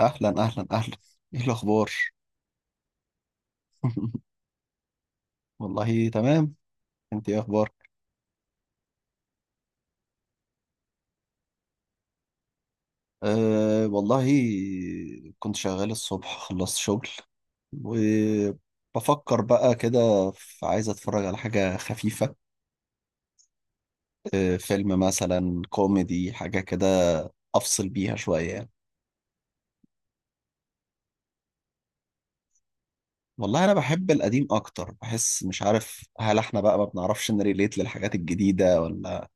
اهلا اهلا اهلا، ايه الاخبار؟ والله تمام. انت ايه اخبارك؟ أه والله، كنت شغال الصبح، خلصت شغل وبفكر بقى كده في عايز اتفرج على حاجة خفيفة. أه فيلم مثلا كوميدي حاجة كده، افصل بيها شوية يعني. والله انا بحب القديم اكتر، بحس مش عارف هل احنا بقى ما بنعرفش نريليت للحاجات الجديدة ولا.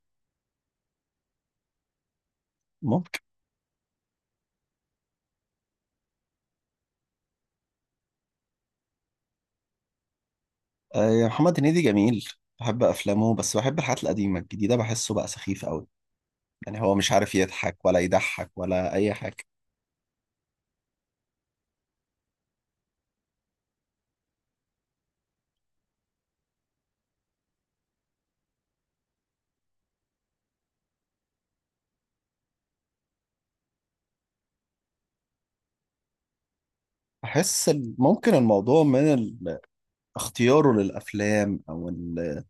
آه، يا محمد هنيدي جميل. بحب افلامه، بس بحب الحاجات القديمه، الجديده بحسه بقى سخيف قوي. يعني هو مش عارف يضحك ولا يضحك ولا اي حاجه. بحس ممكن الموضوع من اختياره للافلام او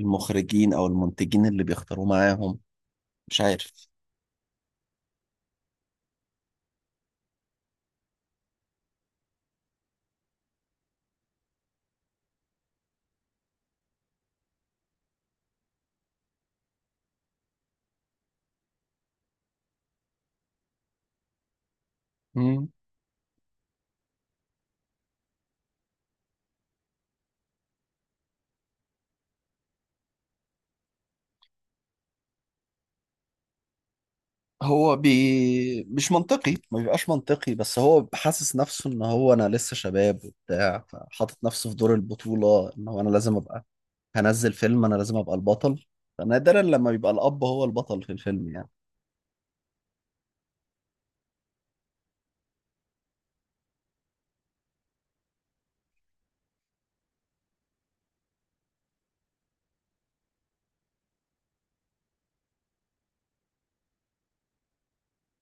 المخرجين او المنتجين اللي بيختاروه معاهم، مش عارف. مش منطقي، ما بيبقاش منطقي، بس هو حاسس نفسه ان هو انا لسه شباب وبتاع، فحاطط نفسه في دور البطولة ان هو انا لازم ابقى هنزل فيلم انا لازم ابقى البطل. فنادرا لما بيبقى الاب هو البطل في الفيلم يعني.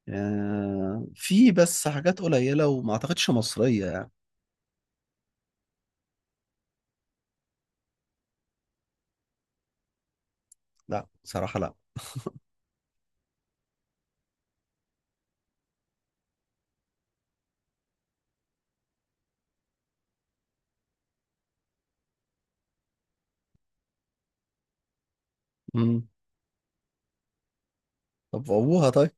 آه، في بس حاجات قليلة وما اعتقدش مصرية يعني. لا صراحة لا. مم. طب ابوها طيب.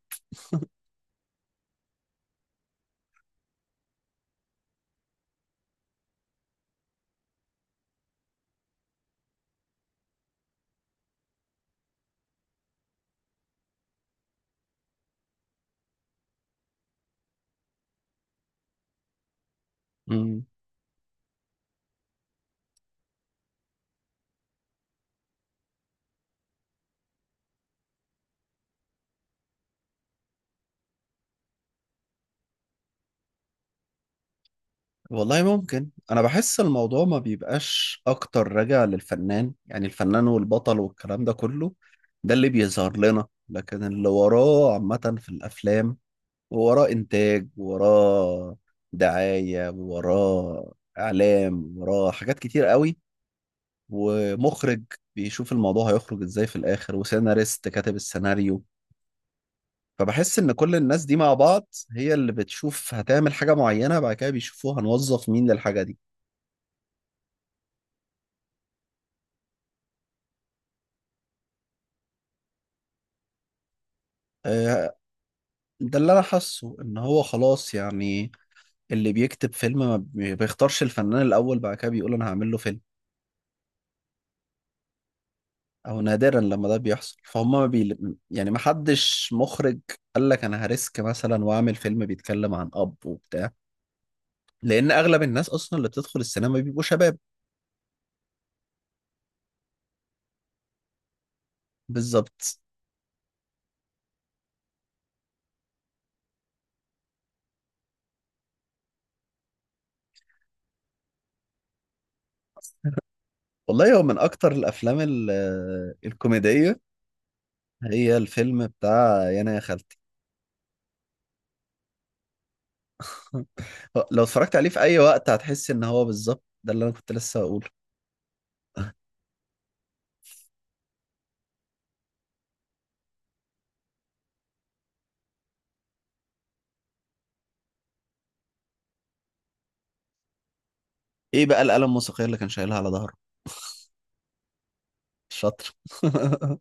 مم. والله ممكن، انا بحس الموضوع ما بيبقاش اكتر راجع للفنان، يعني الفنان والبطل والكلام ده كله ده اللي بيظهر لنا، لكن اللي وراه عامة في الافلام وراه انتاج، وراه دعاية، وراه اعلام، وراه حاجات كتير قوي، ومخرج بيشوف الموضوع هيخرج ازاي في الاخر، وسيناريست كاتب السيناريو. فبحس ان كل الناس دي مع بعض هي اللي بتشوف هتعمل حاجة معينة، بعد كده بيشوفوها هنوظف مين للحاجة دي. آه، ده اللي انا حاسه، ان هو خلاص يعني اللي بيكتب فيلم، ما بي- بيختارش الفنان الاول، بعد كده بيقول انا هعمل له فيلم. او نادرا لما ده بيحصل، فهم ما بي... يعني ما حدش مخرج قال لك انا هريسك مثلا واعمل فيلم بيتكلم عن اب وبتاع، لان اغلب الناس اصلا اللي بتدخل السينما بيبقوا شباب. بالظبط. والله هو من اكتر الافلام الكوميديه هي الفيلم بتاع يانا يا خالتي. لو اتفرجت عليه في اي وقت هتحس ان هو بالظبط ده اللي انا كنت لسه هقوله. ايه بقى الآلة الموسيقية اللي كان شايلها على ظهره؟ الشطر.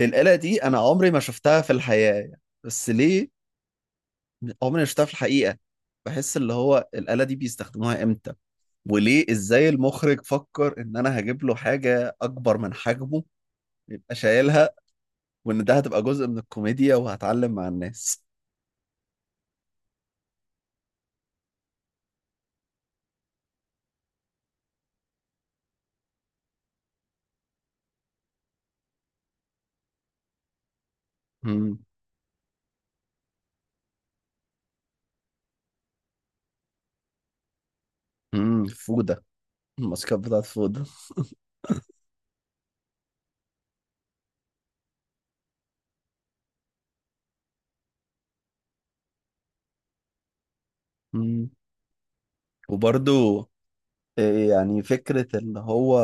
الآلة دي انا عمري ما شفتها في الحياة يعني. بس ليه؟ عمري ما شفتها في الحقيقة. بحس اللي هو الآلة دي بيستخدموها امتى؟ وليه؟ ازاي المخرج فكر ان انا هجيب له حاجة اكبر من حجمه يبقى شايلها، وان ده هتبقى جزء من الكوميديا وهتعلم مع الناس. امم فودة، الماسكات بتاعت فودة. امم. وبرضو إيه، يعني فكرة اللي هو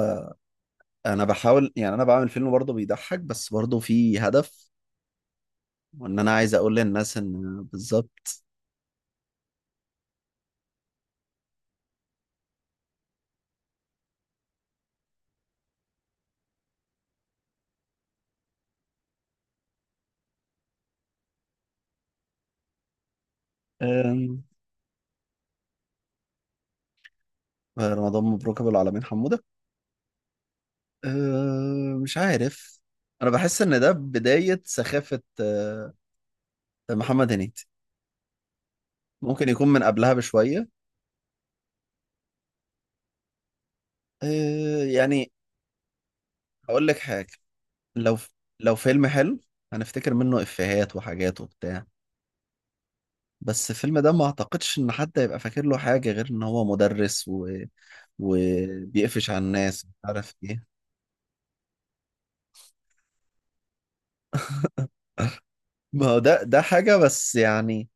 انا بحاول، يعني انا بعمل فيلم برضه بيضحك بس برضه في هدف، وان انا عايز اقول للناس ان بالظبط. آم، رمضان مبروك ابو العالمين حمودة. آم، مش عارف، انا بحس ان ده بداية سخافة آه، محمد هنيدي. ممكن يكون من قبلها بشوية. آه، يعني هقول لك حاجة. لو لو فيلم حلو هنفتكر منه افيهات وحاجات وبتاع، بس الفيلم ده ما اعتقدش ان حد هيبقى فاكر له حاجة غير ان هو مدرس و... وبيقفش على الناس مش عارف ايه. ما هو ده حاجة بس، يعني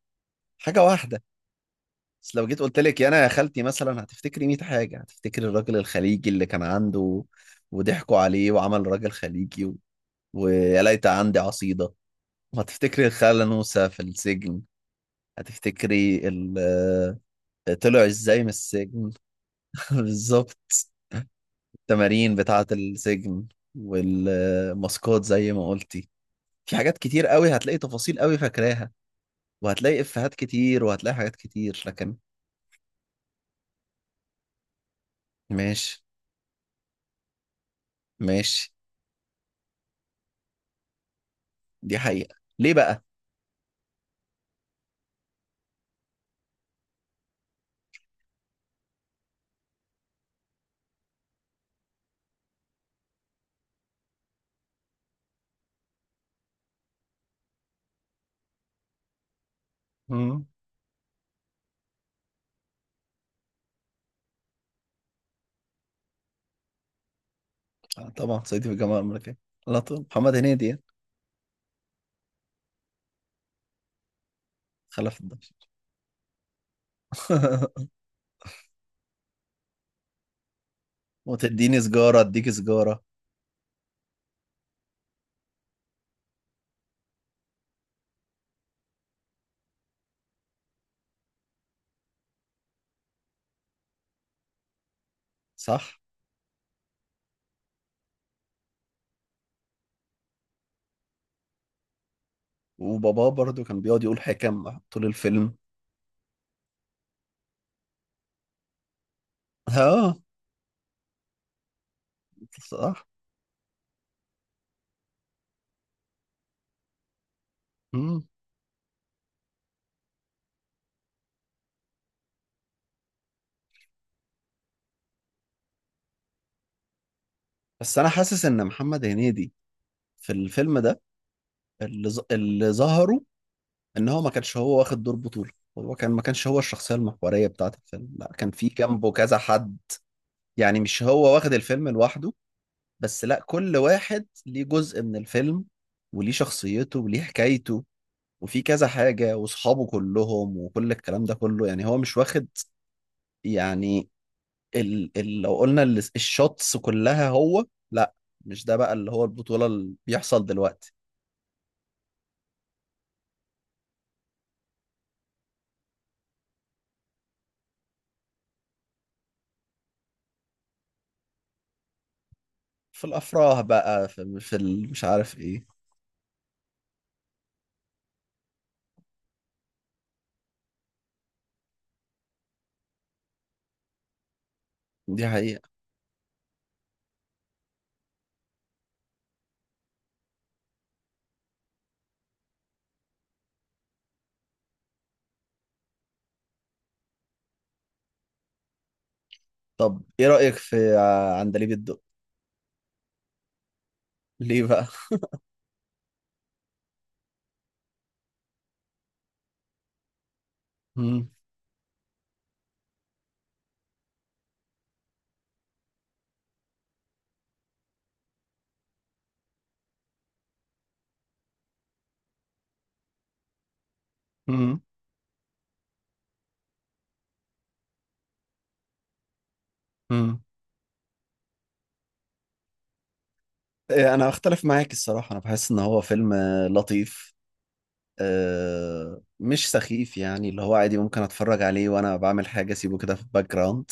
حاجة واحدة. بس لو جيت قلت لك يا انا يا خالتي مثلا هتفتكري 100 حاجة، هتفتكري الراجل الخليجي اللي كان عنده وضحكوا عليه وعمل راجل خليجي و... ويا ليت عندي عصيدة. وهتفتكري الخالة نوسة في السجن، هتفتكري ال... طلع ازاي من السجن. بالظبط. التمارين بتاعة السجن والماسكات زي ما قلتي، في حاجات كتير قوي هتلاقي تفاصيل قوي فاكراها، وهتلاقي إفيهات كتير، وهتلاقي حاجات كتير، لكن ماشي ماشي. دي حقيقة، ليه بقى؟ مم. آه، طبعا صعيدي في الجامعة الأمريكية، على طول محمد هنيدي يعني. خلف الضجة. وتديني سجارة أديك سجارة. صح، وباباه برضو كان بيقعد يقول حكم طول الفيلم. اه صح. مم. بس أنا حاسس إن محمد هنيدي في الفيلم ده اللي ظهروا ان هو ما كانش هو واخد دور بطولة، هو كان ما كانش هو الشخصية المحورية بتاعة الفيلم، لا كان في جنبه كذا حد. يعني مش هو واخد الفيلم لوحده، بس لا كل واحد ليه جزء من الفيلم وليه شخصيته وليه حكايته، وفي كذا حاجة وصحابه كلهم وكل الكلام ده كله. يعني هو مش واخد يعني ال ال لو قلنا ال- الشوتس كلها هو، لا مش ده بقى اللي هو البطولة اللي بيحصل دلوقتي. في الأفراح بقى، في مش عارف ايه. دي حقيقة. طب ايه رأيك في عندليب الدق؟ ليه بقى؟ مم. مم. مم. إيه، انا اختلف معاك الصراحة، انا بحس ان هو فيلم آه، لطيف آه، مش سخيف، يعني اللي هو عادي ممكن اتفرج عليه وانا بعمل حاجة، اسيبه كده في الباك جراوند.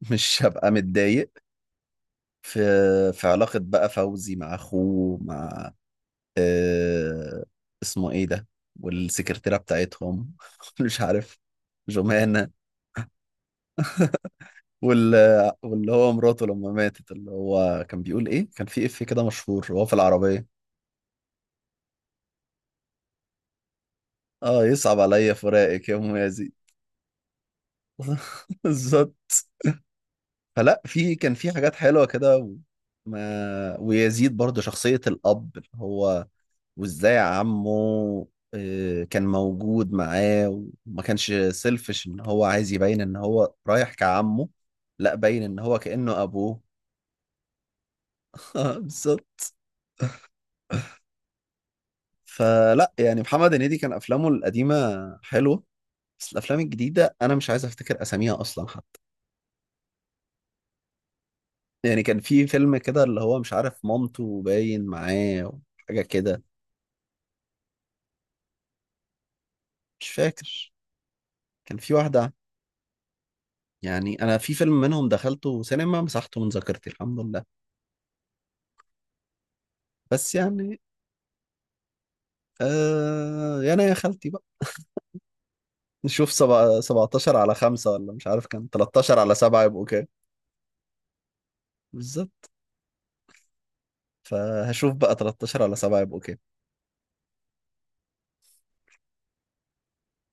مش هبقى متضايق. في في علاقة بقى فوزي مع اخوه مع آه، اسمه ايه ده، والسكرتيرة بتاعتهم. مش عارف، جمانة. وال... واللي هو مراته لما ماتت اللي هو كان بيقول ايه، كان في اف كده مشهور وهو في العربية. اه، يصعب عليا فراقك يا ام يزيد. بالظبط. فلا في كان في حاجات حلوة كده و... ما ويزيد برضه شخصية الأب اللي هو، وازاي عمه آه، كان موجود معاه، وما كانش سيلفش ان هو عايز يبين ان هو رايح كعمه، لا باين ان هو كأنه ابوه. بالظبط. فلا يعني محمد هنيدي كان افلامه القديمه حلوه، بس الافلام الجديده انا مش عايز افتكر اساميها اصلا حتى. يعني كان في فيلم كده اللي هو مش عارف مامته باين معاه وحاجه كده. مش فاكر، كان في واحده، يعني انا في فيلم منهم دخلته سينما مسحته من ذاكرتي، الحمد لله. بس يعني آه يا انا يا خالتي بقى. نشوف سبعة 17 على 5، ولا مش عارف كان 13 على 7 يبقوا كام؟ بالظبط، فهشوف بقى 13 على 7 يبقوا كام؟